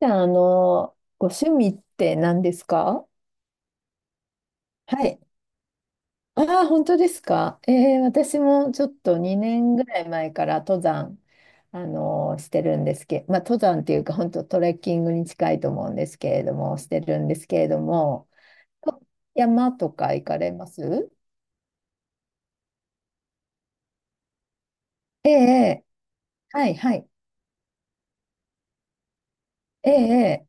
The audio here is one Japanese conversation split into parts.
じゃあ、ご趣味って何ですか？はい。ああ、本当ですか。私もちょっと2年ぐらい前から登山、してるんですけど、まあ、登山っていうか、本当トレッキングに近いと思うんですけれども、してるんですけれども、山とか行かれます？ええ、はい、はい。ええ、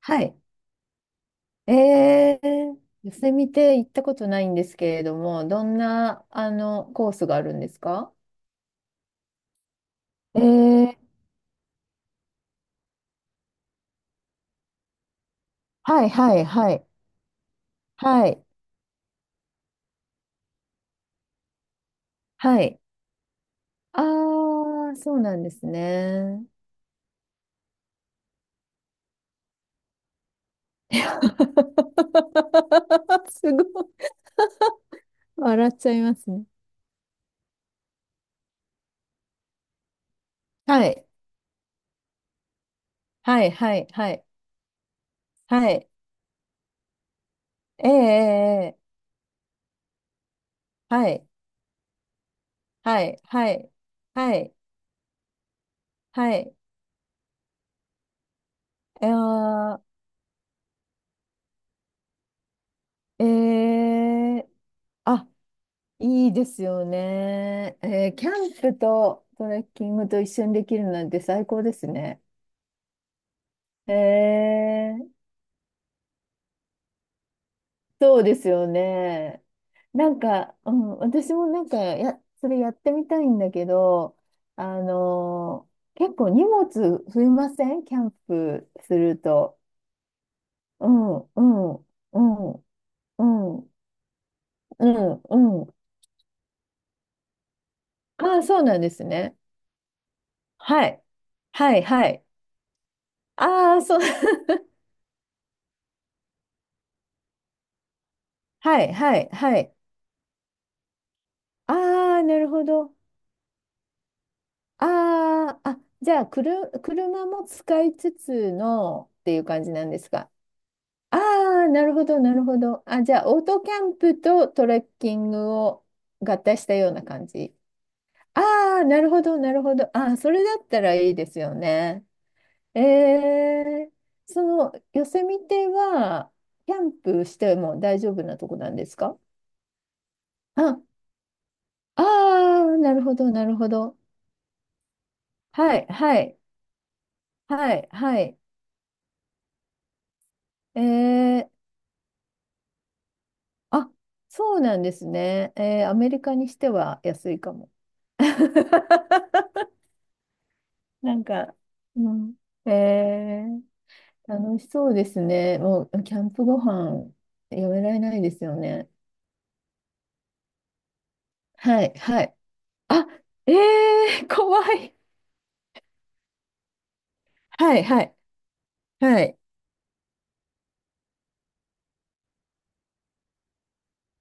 はい。ええ、寄せ見て行ったことないんですけれども、どんな、コースがあるんですか？ええ。はいはいはい。はい。はい。ああ、そうなんですね。いや すごい。笑っちゃいますね。はい。はいはいはい。はい。ええええええ。はい。はいはいはい。はい。あー。ええ。あ、いいですよね。キャンプとトレッキングと一緒にできるなんて最高ですね。ええ。そうですよね。なんか、うん、私もなんかそれやってみたいんだけど、結構荷物増えません？キャンプすると。うん、うん、うん、うん、うん、うん。ああ、そうなんですね。はい。はい、はい。ああ、そう。はい、はい、はい。ああ、なるほど。ああ、あ、じゃあ、車も使いつつのっていう感じなんですか？ああ、なるほど、なるほど。あ、じゃあ、オートキャンプとトレッキングを合体したような感じ。ああ、なるほど、なるほど。ああ、それだったらいいですよね。ええ、その、ヨセミテは、キャンプしても大丈夫なとこなんですか？あ、ああ、なるほど、なるほど。はい、はい、はい、はい。えーあ、そうなんですね。アメリカにしては安いかも。なんか、うん、えー、楽しそうですね。もう、キャンプご飯、やめられないですよね。はい、はい。あ、え怖い。はい、はい、はい、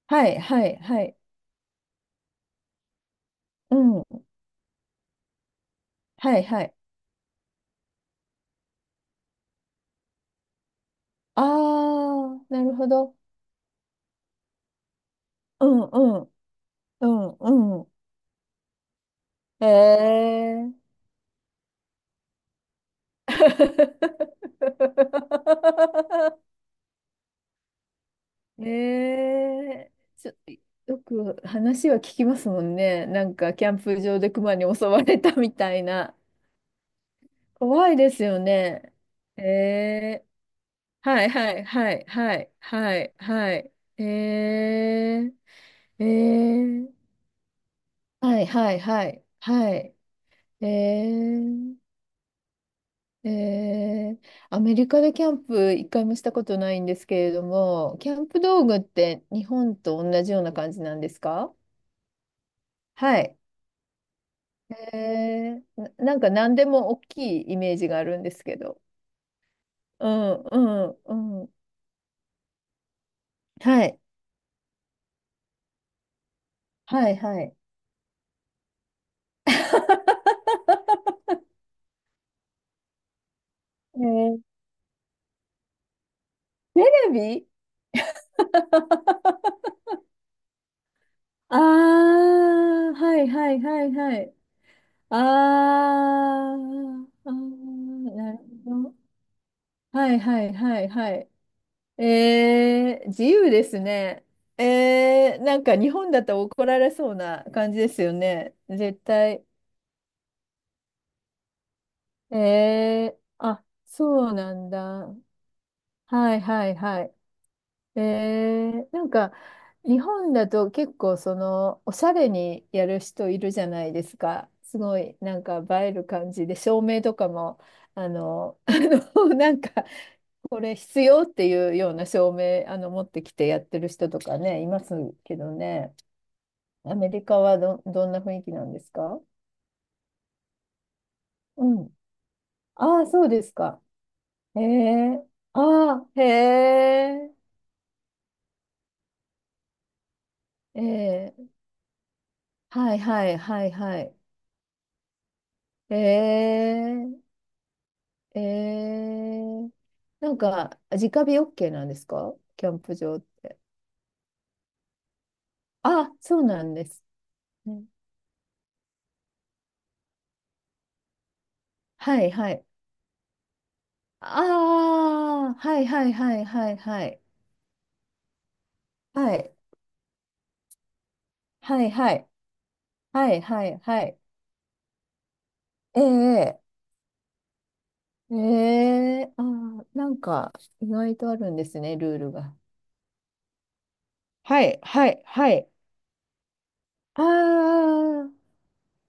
はい、はい、はい。うん、はい、はい。あー、なるほど。うん、うん、うん、うん。えー。ええ。ちょ、よく話は聞きますもんね。なんかキャンプ場で熊に襲われたみたいな。怖いですよね。ええ。はいはいはいはいはいはい。ええええ。はいはいはいはい。ええええ。アメリカでキャンプ一回もしたことないんですけれども、キャンプ道具って日本と同じような感じなんですか？はい。なんか何でも大きいイメージがあるんですけど。うん、うん、うん。はい、はい、はい。えー、テレビ。 ああー。はいはいはいはい。あーあー、なるほど。はいはいはいはい。自由ですね。なんか日本だと怒られそうな感じですよね。絶対。ええ。あ、そうなんだ。はいはいはい。ええ。なんか、日本だと結構その、おしゃれにやる人いるじゃないですか。すごい、なんか映える感じで、照明とかも、あの、あなんか、これ必要っていうような照明、持ってきてやってる人とかね、いますけどね。アメリカはどんな雰囲気なんですか？うん。ああ、そうですか。ええ。ああ、へえ。ええ。はいはいはいはい。ええええ。なんか、直火 OK なんですか？キャンプ場。あ、そうなんです。うん。はいはい。ああ、はいはいはいはいはい。はい、はいはい。はいはいはい。ええええ。ああ、なんか、意外とあるんですね、ルールが。はいはいはい。ああ、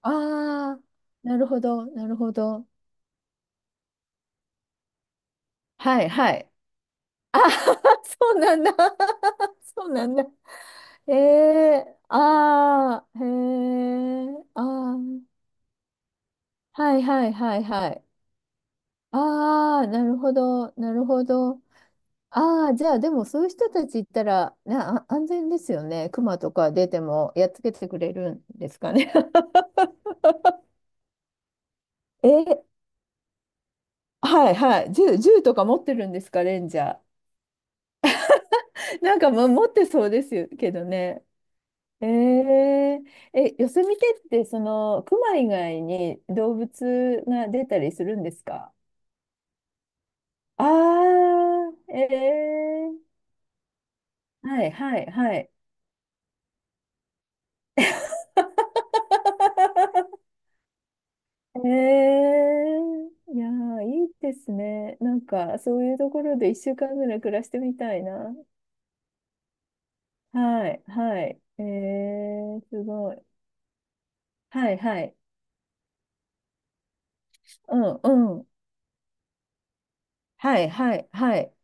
ああ、なるほど、なるほど。はいはい。ああ、そうなんだ。そうなんだ。ええ。ああ、へえ。ああ、はいはいはいはい。ああ、なるほど、なるほど。ああ、じゃあでもそういう人たち行ったら、ね、あ、安全ですよね。熊とか出てもやっつけてくれるんですかね。え。はいはい。銃とか持ってるんですか、レンジャー？なんかも持ってそうですよけどね。えー、え、ヨセミテってそのクマ以外に動物が出たりするんですか？ああー。はいはいはい。えいやー、いいですね。なんかそういうところで1週間ぐらい暮らしてみたいな。はいはい。すごい。はいはい。うんうん。はいはいはい。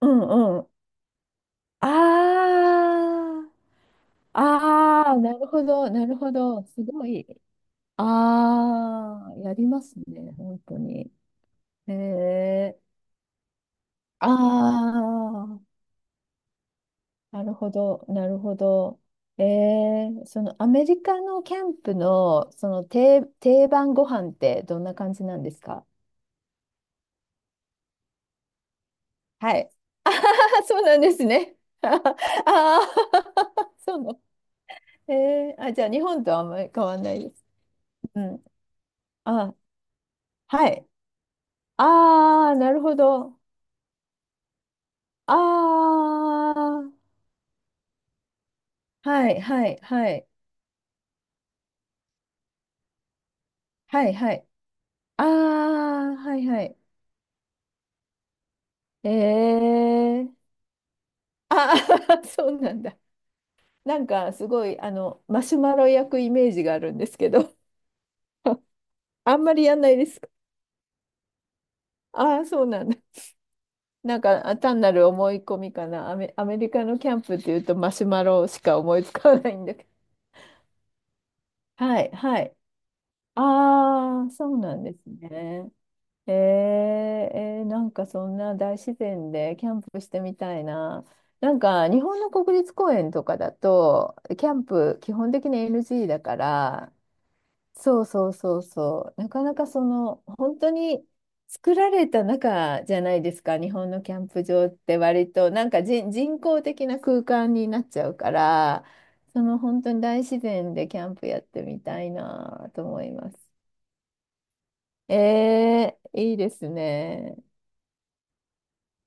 うんうん。ああ。ああ、なるほど、なるほど。すごい。ああ、やりますね、本当に。へえ。ああ、なるほど、なるほど。ええ、そのアメリカのキャンプの、その定番ご飯ってどんな感じなんですか？はい。あははそうなんですね。ああー。そうなの。ええ、あ、じゃあ日本とあんまり変わらないです。うん。あ、はい。ああ、なるほど。ああ、はいはいはい。はいはい。ああ、はいはい。ええ。ああー。そうなんだ。なんかすごい、マシュマロ焼くイメージがあるんですけど、あんまりやんないですか？あ あー、そうなんだ。なんかあ単なる思い込みかな。アメリカのキャンプっていうとマシュマロしか思いつかないんだけど。はいはい。ああ、そうなんですね。えー、なんかそんな大自然でキャンプしてみたいな。なんか日本の国立公園とかだと、キャンプ基本的に NG だから、そうそうそうそう、なかなかその、本当に作られた中じゃないですか、日本のキャンプ場って割と、なんか人工的な空間になっちゃうから、その本当に大自然でキャンプやってみたいなと思います。いいですね。